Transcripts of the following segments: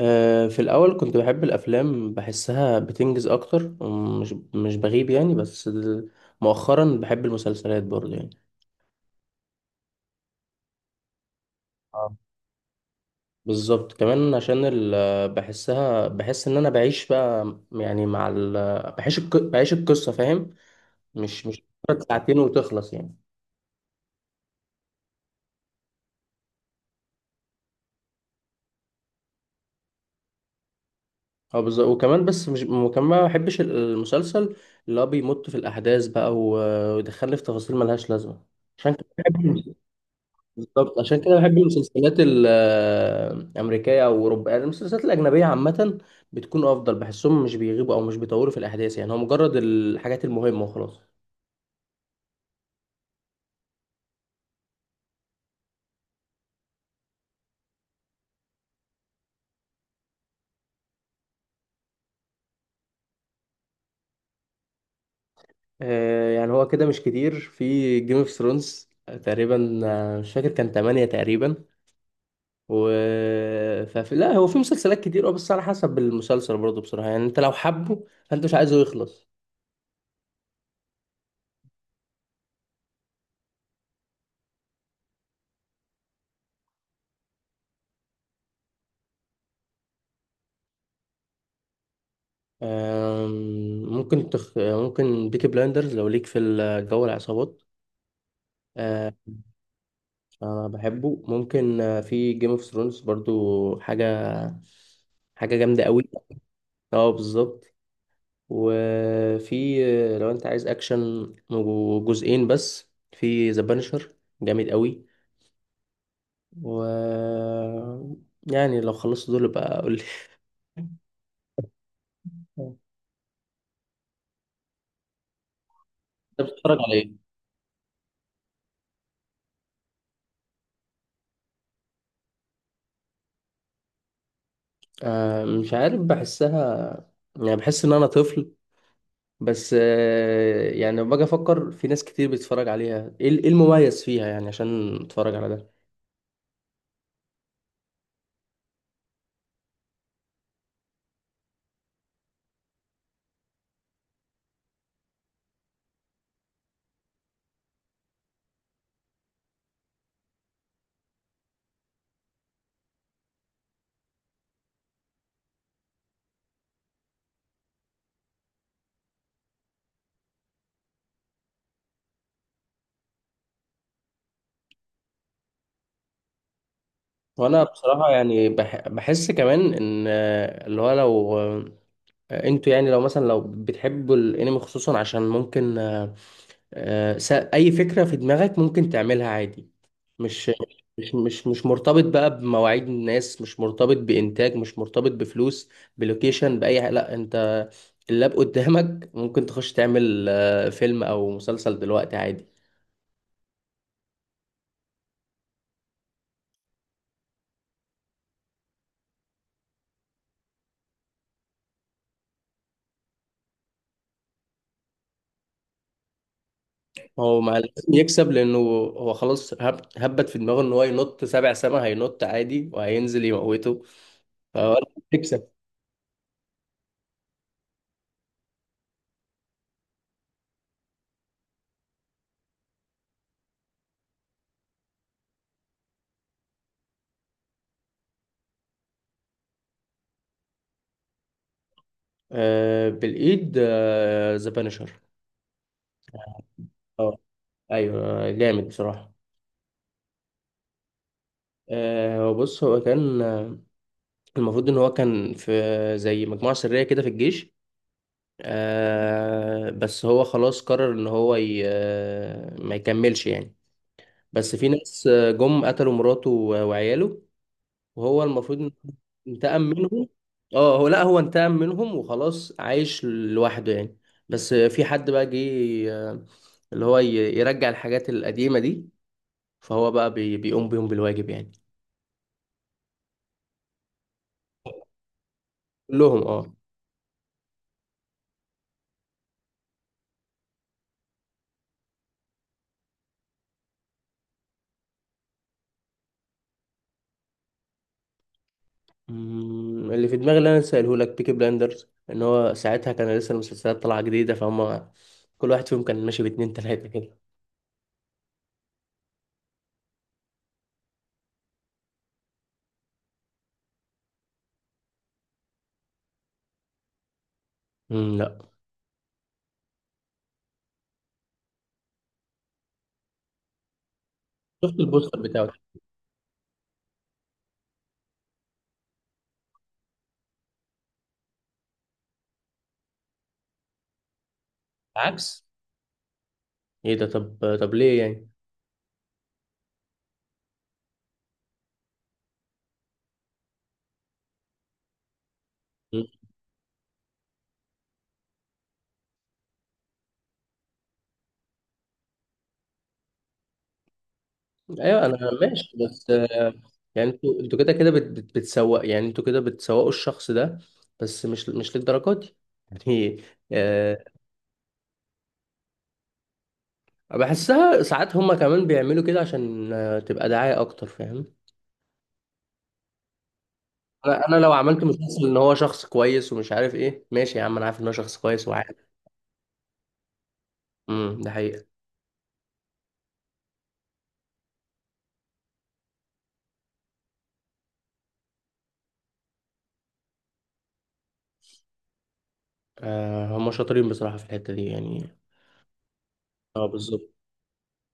في الأول كنت بحب الأفلام، بحسها بتنجز أكتر، مش بغيب يعني. بس مؤخرا بحب المسلسلات برضه يعني. اه بالظبط، كمان عشان بحسها، بحس إن أنا بعيش بقى يعني مع بعيش القصة، فاهم؟ مش مش مجرد ساعتين وتخلص يعني. اه بالظبط. وكمان بس مش، وكمان ما بحبش المسلسل اللي هو بيمط في الأحداث بقى ويدخلني في تفاصيل ملهاش لازمة. عشان كده. بالظبط عشان كده بحب المسلسلات الأمريكية أو أوروبية، يعني المسلسلات الأجنبية عامة بتكون أفضل، بحسهم مش بيغيبوا أو مش بيطولوا في الأحداث، يعني هو مجرد الحاجات المهمة وخلاص. يعني هو كده مش كتير. في جيم اوف ثرونز تقريبا، مش فاكر، كان تمانية تقريبا. و ففي لا هو في مسلسلات كتير، اه بس على حسب المسلسل برضه بصراحة، يعني انت لو حبه فانت مش عايزه يخلص. ممكن تخ... آه، ممكن بيكي بلايندرز لو ليك في الجو، العصابات. آه، انا بحبه. ممكن في جيم اوف ثرونز برضو، حاجه جامده قوي. اه بالظبط. وفي، لو انت عايز اكشن، جزئين بس في ذا بانشر، جامد قوي. و يعني لو خلصت دول بقى قول لي. انت بتتفرج على ايه؟ آه مش عارف، بحسها يعني، بحس ان انا طفل. بس آه يعني لما باجي افكر في ناس كتير بتتفرج عليها، ايه إيه المميز فيها يعني عشان اتفرج على ده. وانا بصراحه يعني بحس كمان ان اللي هو لو انتوا يعني لو مثلا لو بتحبوا الانمي خصوصا، عشان ممكن اي فكره في دماغك ممكن تعملها عادي. مش مش مرتبط بقى بمواعيد الناس، مش مرتبط بانتاج، مش مرتبط بفلوس، بلوكيشن، باي حاجه. لا انت اللاب قدامك ممكن تخش تعمل فيلم او مسلسل دلوقتي عادي. هو مع لازم يكسب، لانه هو خلاص هبت في دماغه ان هو ينط سبع سما، هينط عادي وهينزل يموته. فهو يكسب. آه بالايد، آه ذا بانشر. اه ايوه، جامد بصراحه. بص، هو كان المفروض ان هو كان في زي مجموعه سريه كده في الجيش. آه بس هو خلاص قرر ان هو ي... آه، ما يكملش يعني. بس في ناس جم قتلوا مراته وعياله، وهو المفروض. انتقم منهم. اه، هو لا، هو انتقم منهم وخلاص، عايش لوحده يعني. بس في حد بقى جه، آه، اللي هو يرجع الحاجات القديمة دي، فهو بقى بيقوم بيهم بالواجب يعني. كلهم، اه. مم، اللي في دماغي اللي انا سأله لك، بيكي بلاندرز، ان هو ساعتها كان لسه المسلسلات طالعة جديدة، فهم كل واحد فيهم كان ماشي باتنين تلاتة كده. مم، لا. شفت البوستر بتاعه. عكس؟ ايه ده؟ طب، طب ليه يعني؟ ايوه انا ماشي، بس يعني انتوا كده كده بتسوق، يعني انتوا كده بتسوقوا الشخص ده، بس مش مش للدرجه دي يعني. آه، بحسها ساعات هما كمان بيعملوا كده عشان تبقى دعاية اكتر، فاهم؟ أنا لو عملت مسلسل ان هو شخص كويس ومش عارف ايه، ماشي يا عم، انا عارف ان هو شخص كويس وعارف. امم، ده حقيقة. هما شاطرين بصراحة في الحتة دي يعني. اه بالظبط.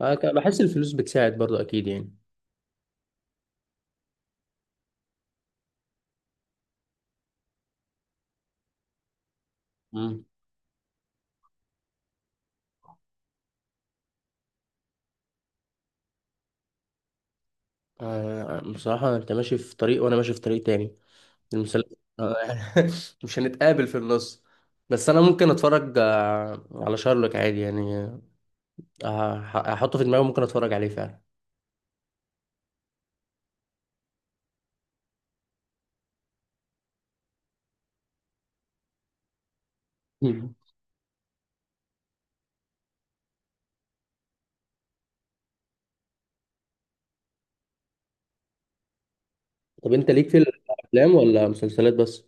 بحس الفلوس بتساعد برضو اكيد يعني. امم. بصراحة انت ماشي في طريق وانا ماشي في طريق تاني. المسل... مش هنتقابل في النص. بس انا ممكن اتفرج على شارلوك عادي يعني. هحطه في دماغي، ممكن اتفرج عليه فعلا. مم. طب انت ليك في الافلام ولا مسلسلات بس؟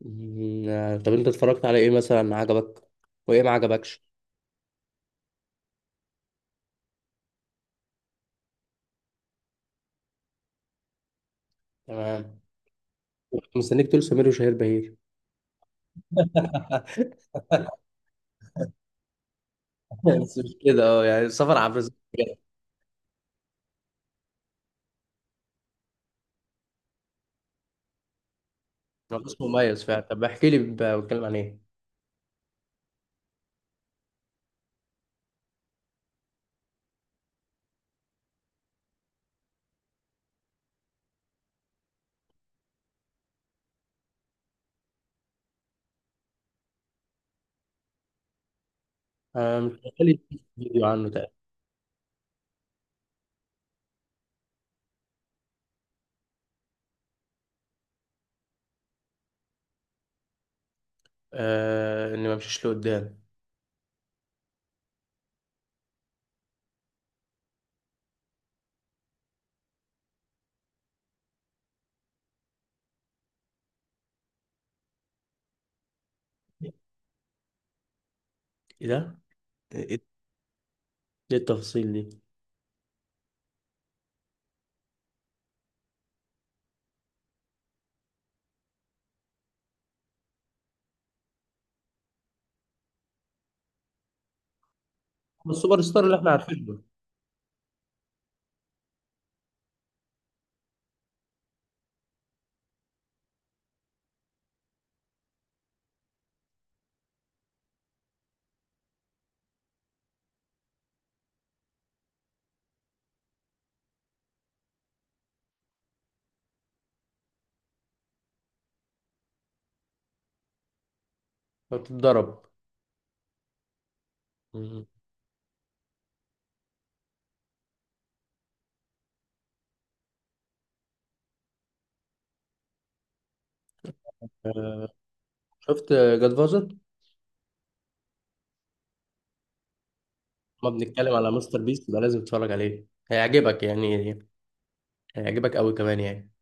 طب انت اتفرجت على ايه مثلا عجبك وايه ما عجبكش؟ تمام. كنت مستنيك تقول سمير وشهير بهير بس مش كده، اه يعني سفر عبر الزمن. اسمه مميز فعلا. طب احكي لي، بتكلم عن ايه؟ مش حكى لي فيديو عنه تقريبا. اني ما امشيش لقدام. ايه ده؟ ايه التفاصيل دي؟ السوبر ستار اللي احنا عارفينه. بتتضرب. مم. آه، شفت جاد فازر؟ ما بنتكلم على مستر بيست ده، لازم تتفرج عليه، هيعجبك يعني، هيعجبك قوي كمان يعني.